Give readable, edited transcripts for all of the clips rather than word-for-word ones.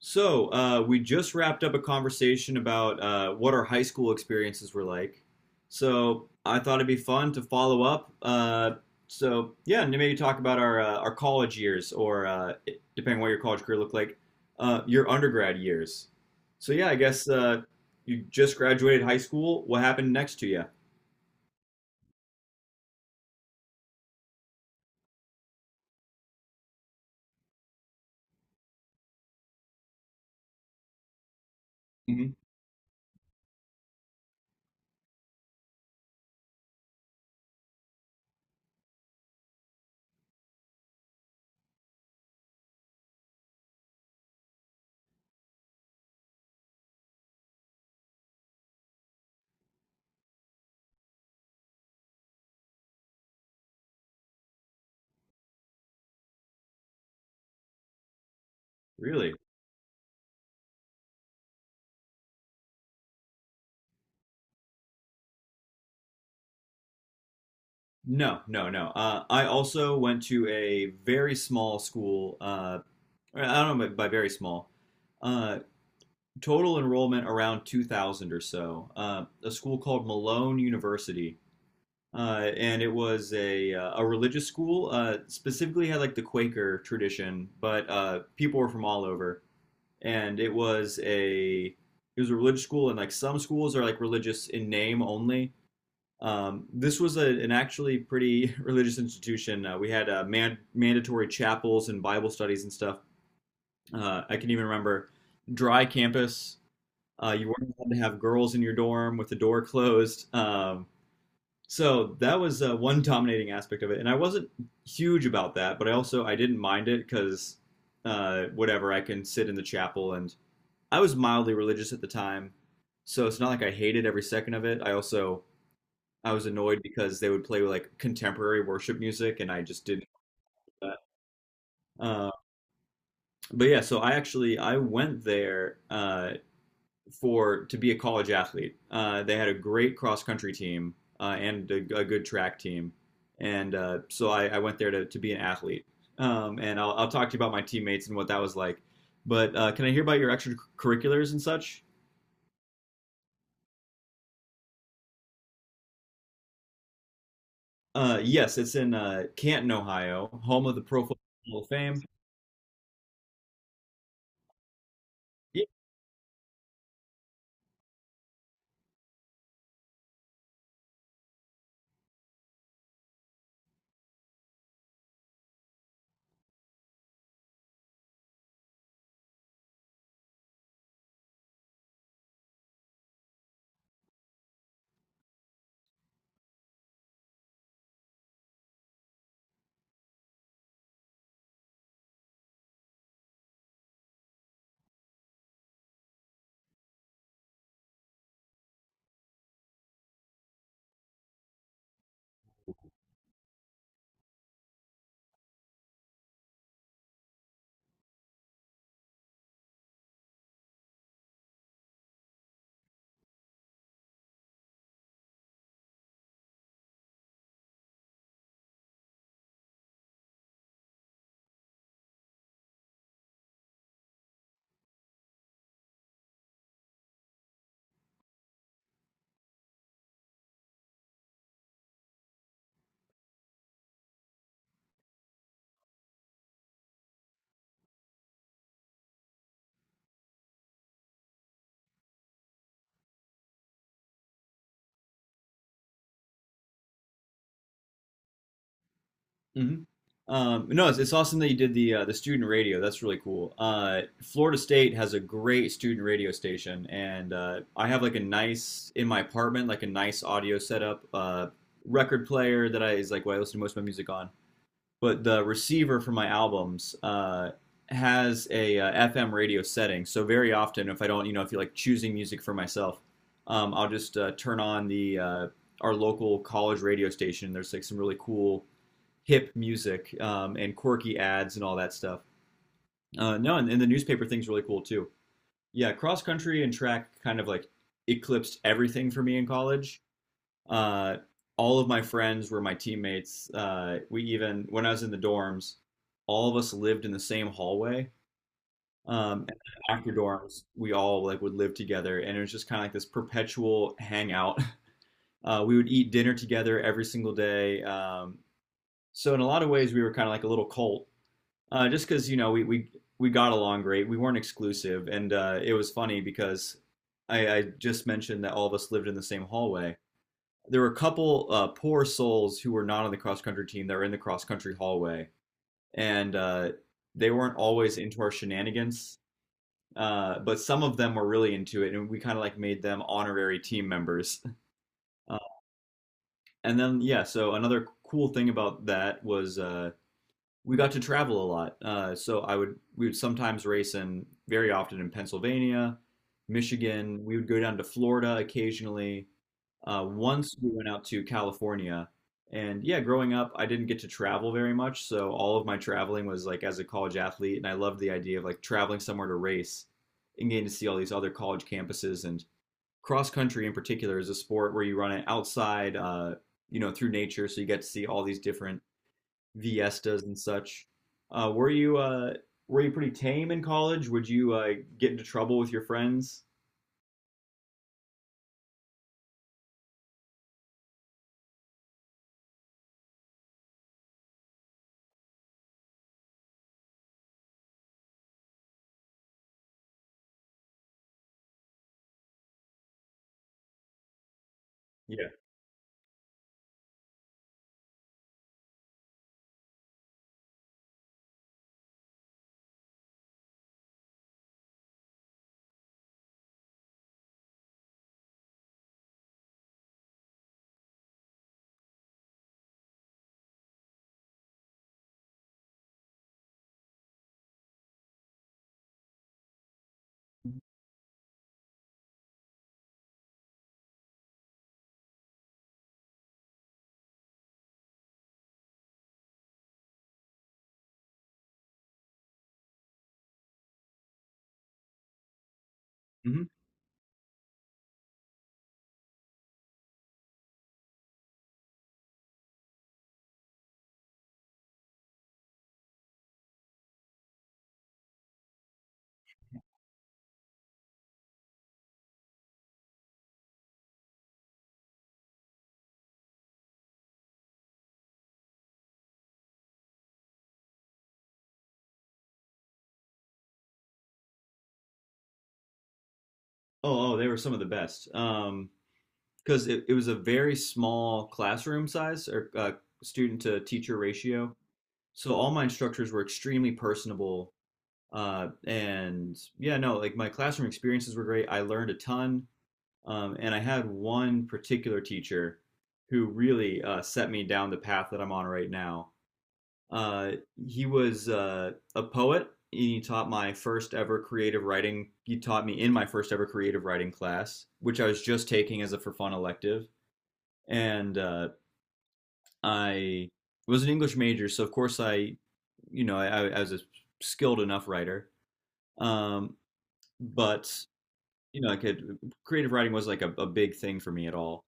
We just wrapped up a conversation about what our high school experiences were like. So, I thought it'd be fun to follow up. Yeah, and maybe talk about our college years, or depending on what your college career looked like, your undergrad years. So, yeah, I guess you just graduated high school. What happened next to you? Hmm. Really? No, no, no. I also went to a very small school. I don't know by very small. Uh, Total enrollment around 2000 or so. A school called Malone University, and it was a religious school. Specifically, had like the Quaker tradition, but people were from all over, and it was a religious school, and like some schools are like religious in name only. This was an actually pretty religious institution. We had mandatory chapels and Bible studies and stuff. I can even remember dry campus, you weren't allowed to have girls in your dorm with the door closed. So that was one dominating aspect of it, and I wasn't huge about that, but I also I didn't mind it because whatever, I can sit in the chapel, and I was mildly religious at the time, so it's not like I hated every second of it. I also I was annoyed because they would play like contemporary worship music, and I just didn't do that. Uh, but yeah, so I actually I went there for to be a college athlete. They had a great cross country team, and a good track team, and so I went there to be an athlete. And I'll talk to you about my teammates and what that was like. But can I hear about your extracurriculars and such? Yes, it's in Canton, Ohio, home of the Pro Football Hall of Fame. Hmm. No, it's awesome that you did the student radio. That's really cool. Florida State has a great student radio station, and I have like a nice, in my apartment, like a nice audio setup, record player that I is like what I listen to most of my music on. But the receiver for my albums has a FM radio setting, so very often if I don't, you know, if you're like choosing music for myself, I'll just turn on the our local college radio station. There's like some really cool hip music, and quirky ads and all that stuff. No, and the newspaper thing's really cool too. Yeah, cross country and track kind of like eclipsed everything for me in college. Uh, all of my friends were my teammates. We, even when I was in the dorms, all of us lived in the same hallway. And after dorms, we all like would live together, and it was just kind of like this perpetual hangout. We would eat dinner together every single day. So in a lot of ways, we were kind of like a little cult. Just because, you know, we got along great. We weren't exclusive, and it was funny because I just mentioned that all of us lived in the same hallway. There were a couple poor souls who were not on the cross country team that were in the cross country hallway, and they weren't always into our shenanigans. But some of them were really into it, and we kind of like made them honorary team members. Uh, and then, yeah, so another cool thing about that was, we got to travel a lot. So I would We would sometimes race in, very often in Pennsylvania, Michigan. We would go down to Florida occasionally. Once we went out to California, and yeah, growing up, I didn't get to travel very much, so all of my traveling was like as a college athlete, and I loved the idea of like traveling somewhere to race and getting to see all these other college campuses. And cross country in particular is a sport where you run it outside, you know, through nature, so you get to see all these different Viestas and such. Uh, were you uh, were you pretty tame in college? Would you get into trouble with your friends? Yeah. Hmm. Oh, oh, they were some of the best. Because it was a very small classroom size, or student to teacher ratio. So all my instructors were extremely personable. And yeah, no, like my classroom experiences were great. I learned a ton. And I had one particular teacher who really set me down the path that I'm on right now. Uh, he was a poet. He taught me in my first ever creative writing class, which I was just taking as a for fun elective. And I was an English major, so of course I, you know, I was a skilled enough writer. Um, but you know, I could creative writing was like a big thing for me at all.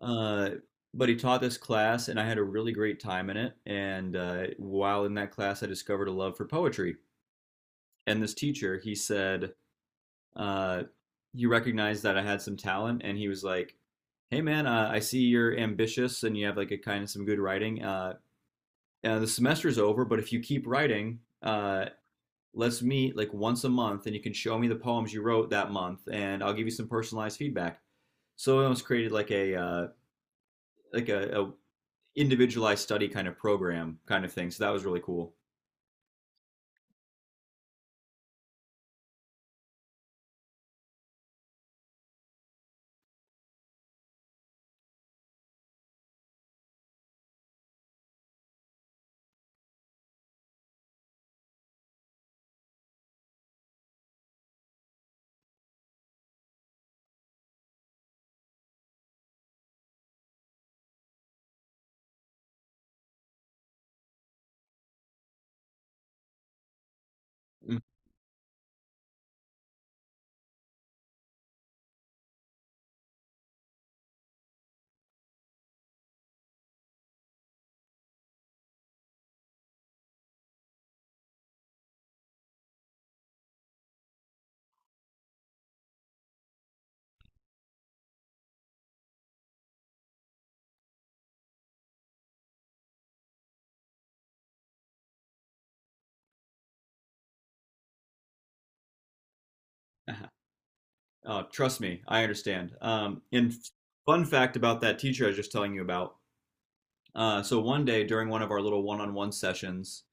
Uh, but he taught this class, and I had a really great time in it. And while in that class, I discovered a love for poetry. And this teacher, he said, uh, he recognized that I had some talent, and he was like, "Hey man, I see you're ambitious and you have like a kind of some good writing. The semester's over, but if you keep writing, let's meet like once a month, and you can show me the poems you wrote that month, and I'll give you some personalized feedback." So it almost created like a individualized study kind of program kind of thing. So that was really cool. Trust me, I understand. And fun fact about that teacher I was just telling you about. So one day during one of our little one-on-one sessions,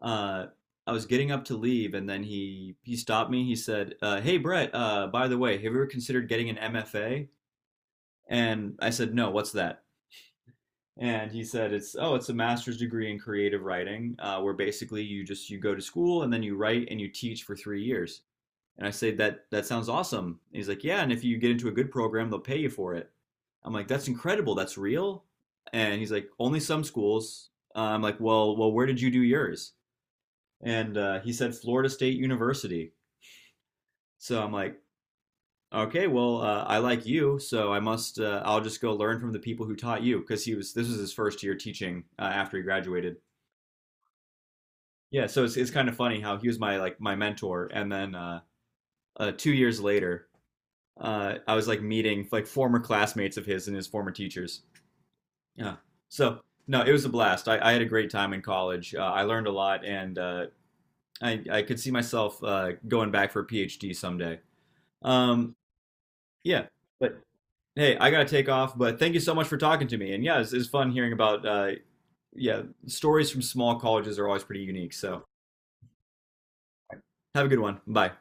uh, I was getting up to leave, and then he stopped me. He said, "Hey Brett, by the way, have you ever considered getting an MFA?" And I said, "No, what's that?" And he said, "It's, oh, it's a master's degree in creative writing, where basically you just you go to school and then you write and you teach for three years." And I say that that sounds awesome. And he's like, yeah, and if you get into a good program, they'll pay you for it. I'm like, that's incredible. That's real. And he's like, only some schools. I'm like, well, well, where did you do yours? And he said Florida State University. So I'm like, okay, well, I like you, so I must. I'll just go learn from the people who taught you, because he was, this was his first year teaching after he graduated. Yeah, so it's kind of funny how he was my like my mentor, and then two years later, I was like meeting like former classmates of his and his former teachers. Yeah. So no, it was a blast. I had a great time in college. I learned a lot, and I could see myself going back for a PhD someday. Um, yeah. But hey, I gotta take off. But thank you so much for talking to me. And yeah, it's fun hearing about yeah, stories from small colleges are always pretty unique. So have a good one. Bye.